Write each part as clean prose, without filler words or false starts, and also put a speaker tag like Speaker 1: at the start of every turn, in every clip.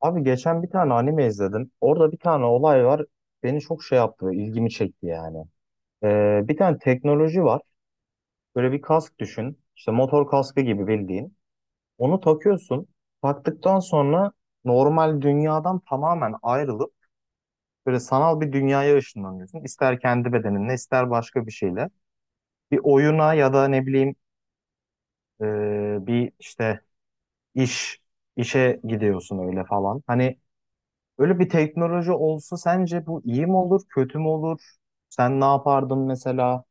Speaker 1: Abi geçen bir tane anime izledim. Orada bir tane olay var. Beni çok şey yaptı, ilgimi çekti yani. Bir tane teknoloji var. Böyle bir kask düşün. İşte motor kaskı gibi bildiğin. Onu takıyorsun. Taktıktan sonra normal dünyadan tamamen ayrılıp böyle sanal bir dünyaya ışınlanıyorsun. İster kendi bedeninle, ister başka bir şeyle. Bir oyuna ya da ne bileyim e, bir iş, işe gidiyorsun öyle falan. Hani böyle bir teknoloji olsa sence bu iyi mi olur, kötü mü olur? Sen ne yapardın mesela?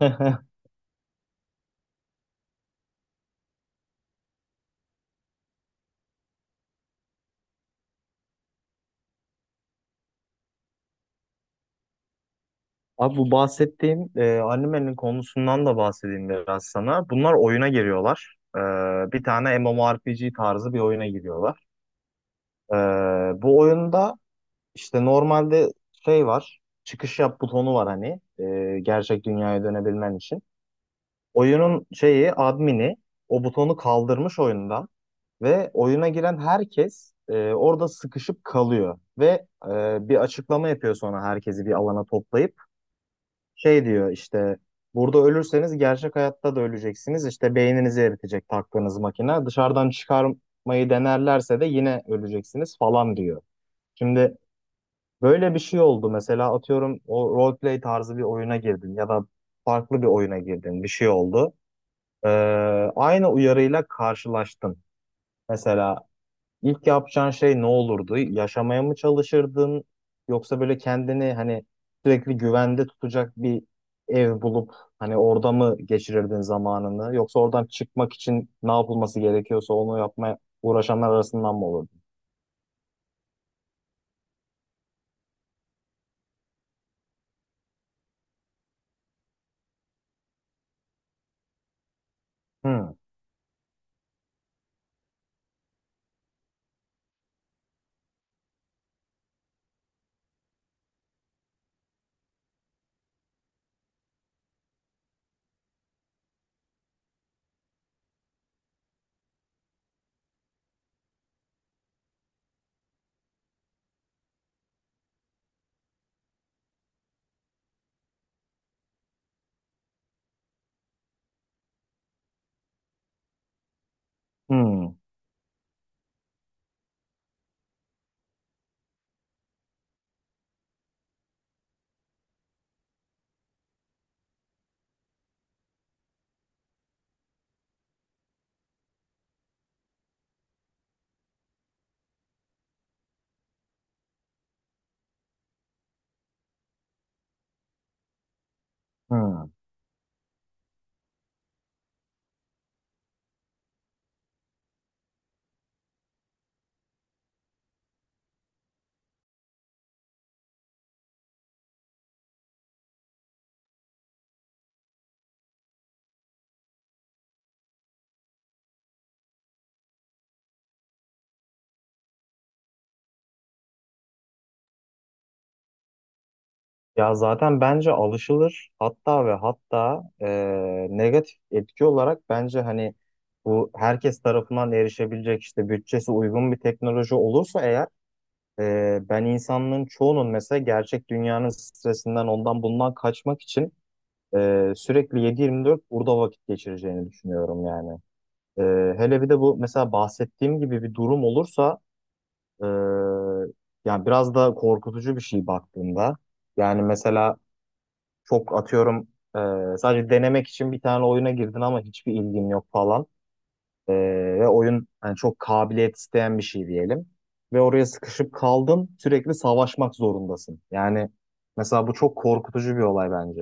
Speaker 1: Abi bu bahsettiğim animenin konusundan da bahsedeyim biraz sana. Bunlar oyuna giriyorlar. Bir tane MMORPG tarzı bir oyuna giriyorlar. E, Bu oyunda işte normalde şey var, çıkış yap butonu var hani gerçek dünyaya dönebilmen için. Oyunun şeyi, admini o butonu kaldırmış oyundan. Ve oyuna giren herkes orada sıkışıp kalıyor. Ve bir açıklama yapıyor sonra herkesi bir alana toplayıp. Şey diyor işte burada ölürseniz gerçek hayatta da öleceksiniz. İşte beyninizi eritecek taktığınız makine. Dışarıdan çıkarmayı denerlerse de yine öleceksiniz falan diyor. Şimdi böyle bir şey oldu. Mesela atıyorum o roleplay tarzı bir oyuna girdin ya da farklı bir oyuna girdin. Bir şey oldu. E, aynı uyarıyla karşılaştın. Mesela İlk yapacağın şey ne olurdu? Yaşamaya mı çalışırdın? Yoksa böyle kendini hani sürekli güvende tutacak bir ev bulup hani orada mı geçirirdin zamanını? Yoksa oradan çıkmak için ne yapılması gerekiyorsa onu yapmaya uğraşanlar arasından mı olurdun? Hmm, hmm, hmm. Ya zaten bence alışılır. Hatta ve hatta negatif etki olarak bence hani bu herkes tarafından erişebilecek işte bütçesi uygun bir teknoloji olursa eğer. Ben insanlığın çoğunun mesela gerçek dünyanın stresinden ondan bundan kaçmak için sürekli 7-24 burada vakit geçireceğini düşünüyorum yani. Ee, Hele bir de bu mesela bahsettiğim gibi bir durum olursa, e, yani biraz da korkutucu bir şey baktığında. Yani mesela çok atıyorum, sadece denemek için bir tane oyuna girdin ama hiçbir ilgin yok falan. Ee, Ve oyun hani çok kabiliyet isteyen bir şey diyelim. Ve oraya sıkışıp kaldın, sürekli savaşmak zorundasın. Yani mesela bu çok korkutucu bir olay bence.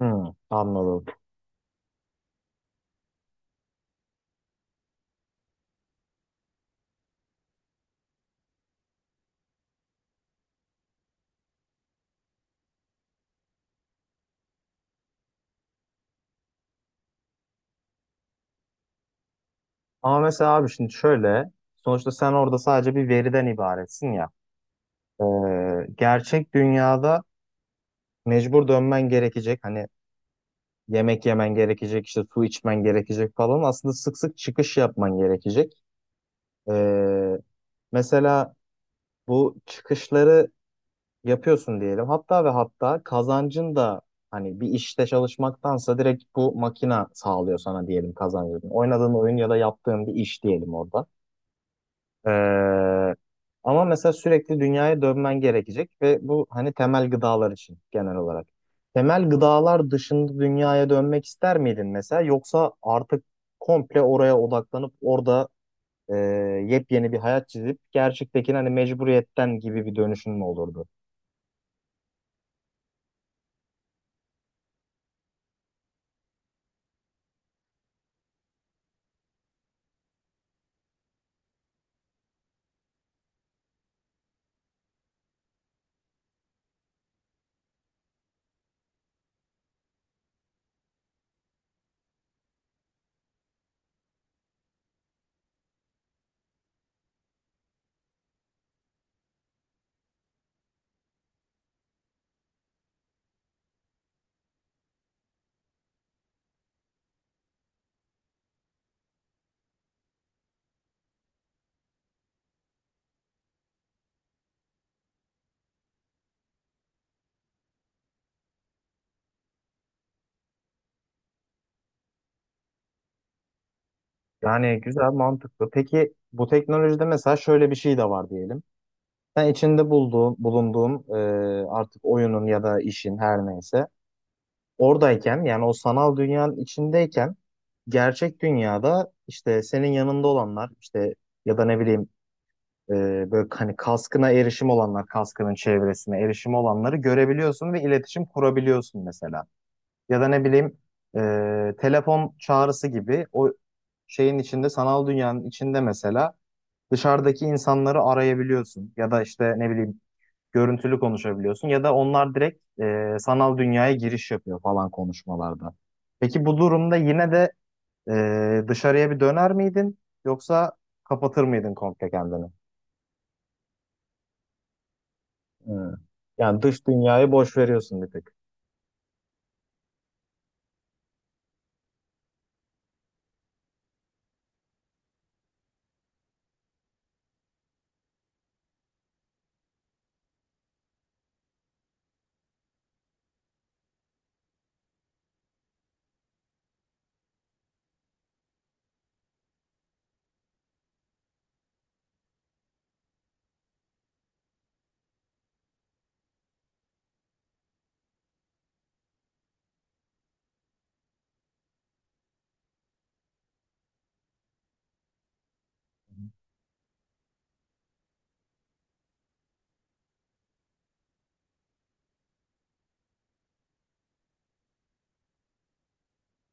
Speaker 1: Hmm, anladım. Ama mesela abi şimdi şöyle sonuçta sen orada sadece bir veriden ibaretsin ya. Gerçek dünyada mecbur dönmen gerekecek. Hani yemek yemen gerekecek, işte su içmen gerekecek falan. Aslında sık sık çıkış yapman gerekecek. Ee, mesela bu çıkışları yapıyorsun diyelim. Hatta ve hatta kazancın da hani bir işte çalışmaktansa direkt bu makina sağlıyor sana diyelim kazancını. Oynadığın oyun ya da yaptığın bir iş diyelim orada. Ee, Ama mesela sürekli dünyaya dönmen gerekecek ve bu hani temel gıdalar için genel olarak. Temel gıdalar dışında dünyaya dönmek ister miydin mesela yoksa artık komple oraya odaklanıp orada e, yepyeni bir hayat çizip gerçektekini hani mecburiyetten gibi bir dönüşün mü olurdu? Yani güzel, mantıklı. Peki bu teknolojide mesela şöyle bir şey de var diyelim. Sen içinde bulduğun, bulunduğun, artık oyunun ya da işin her neyse oradayken, yani o sanal dünyanın içindeyken, gerçek dünyada işte senin yanında olanlar işte ya da ne bileyim, e, böyle hani kaskına erişim olanlar, kaskının çevresine erişim olanları görebiliyorsun ve iletişim kurabiliyorsun mesela. Ya da ne bileyim, e, telefon çağrısı gibi o şeyin içinde, sanal dünyanın içinde mesela dışarıdaki insanları arayabiliyorsun ya da işte ne bileyim görüntülü konuşabiliyorsun ya da onlar direkt sanal dünyaya giriş yapıyor falan konuşmalarda. Peki bu durumda yine de dışarıya bir döner miydin, yoksa kapatır mıydın komple kendini? Hmm. Yani dış dünyayı boş veriyorsun bir tık.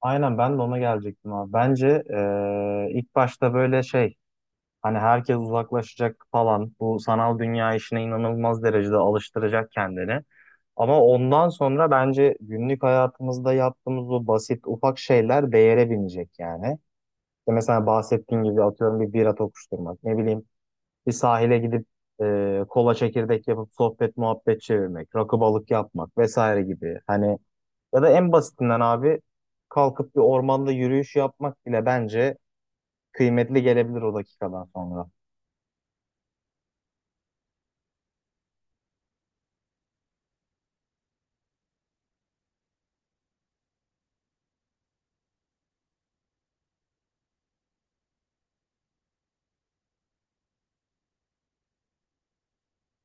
Speaker 1: Aynen ben de ona gelecektim abi. Bence ilk başta böyle şey, hani herkes uzaklaşacak falan bu sanal dünya işine inanılmaz derecede alıştıracak kendini. Ama ondan sonra bence günlük hayatımızda yaptığımız o basit ufak şeyler değere binecek yani. İşte mesela bahsettiğim gibi atıyorum bir bira tokuşturmak, ne bileyim bir sahile gidip kola çekirdek yapıp sohbet muhabbet çevirmek, rakı balık yapmak vesaire gibi. Hani ya da en basitinden abi kalkıp bir ormanda yürüyüş yapmak bile bence kıymetli gelebilir o dakikadan sonra.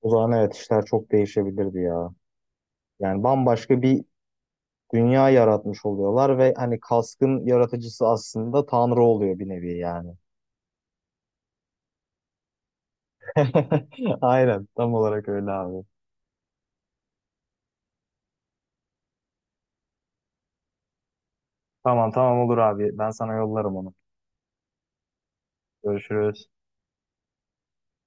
Speaker 1: O zaman evet, işler çok değişebilirdi ya. Yani bambaşka bir dünya yaratmış oluyorlar ve hani kaskın yaratıcısı aslında Tanrı oluyor bir nevi yani. Aynen, tam olarak öyle abi. Tamam, olur abi. Ben sana yollarım onu. Görüşürüz.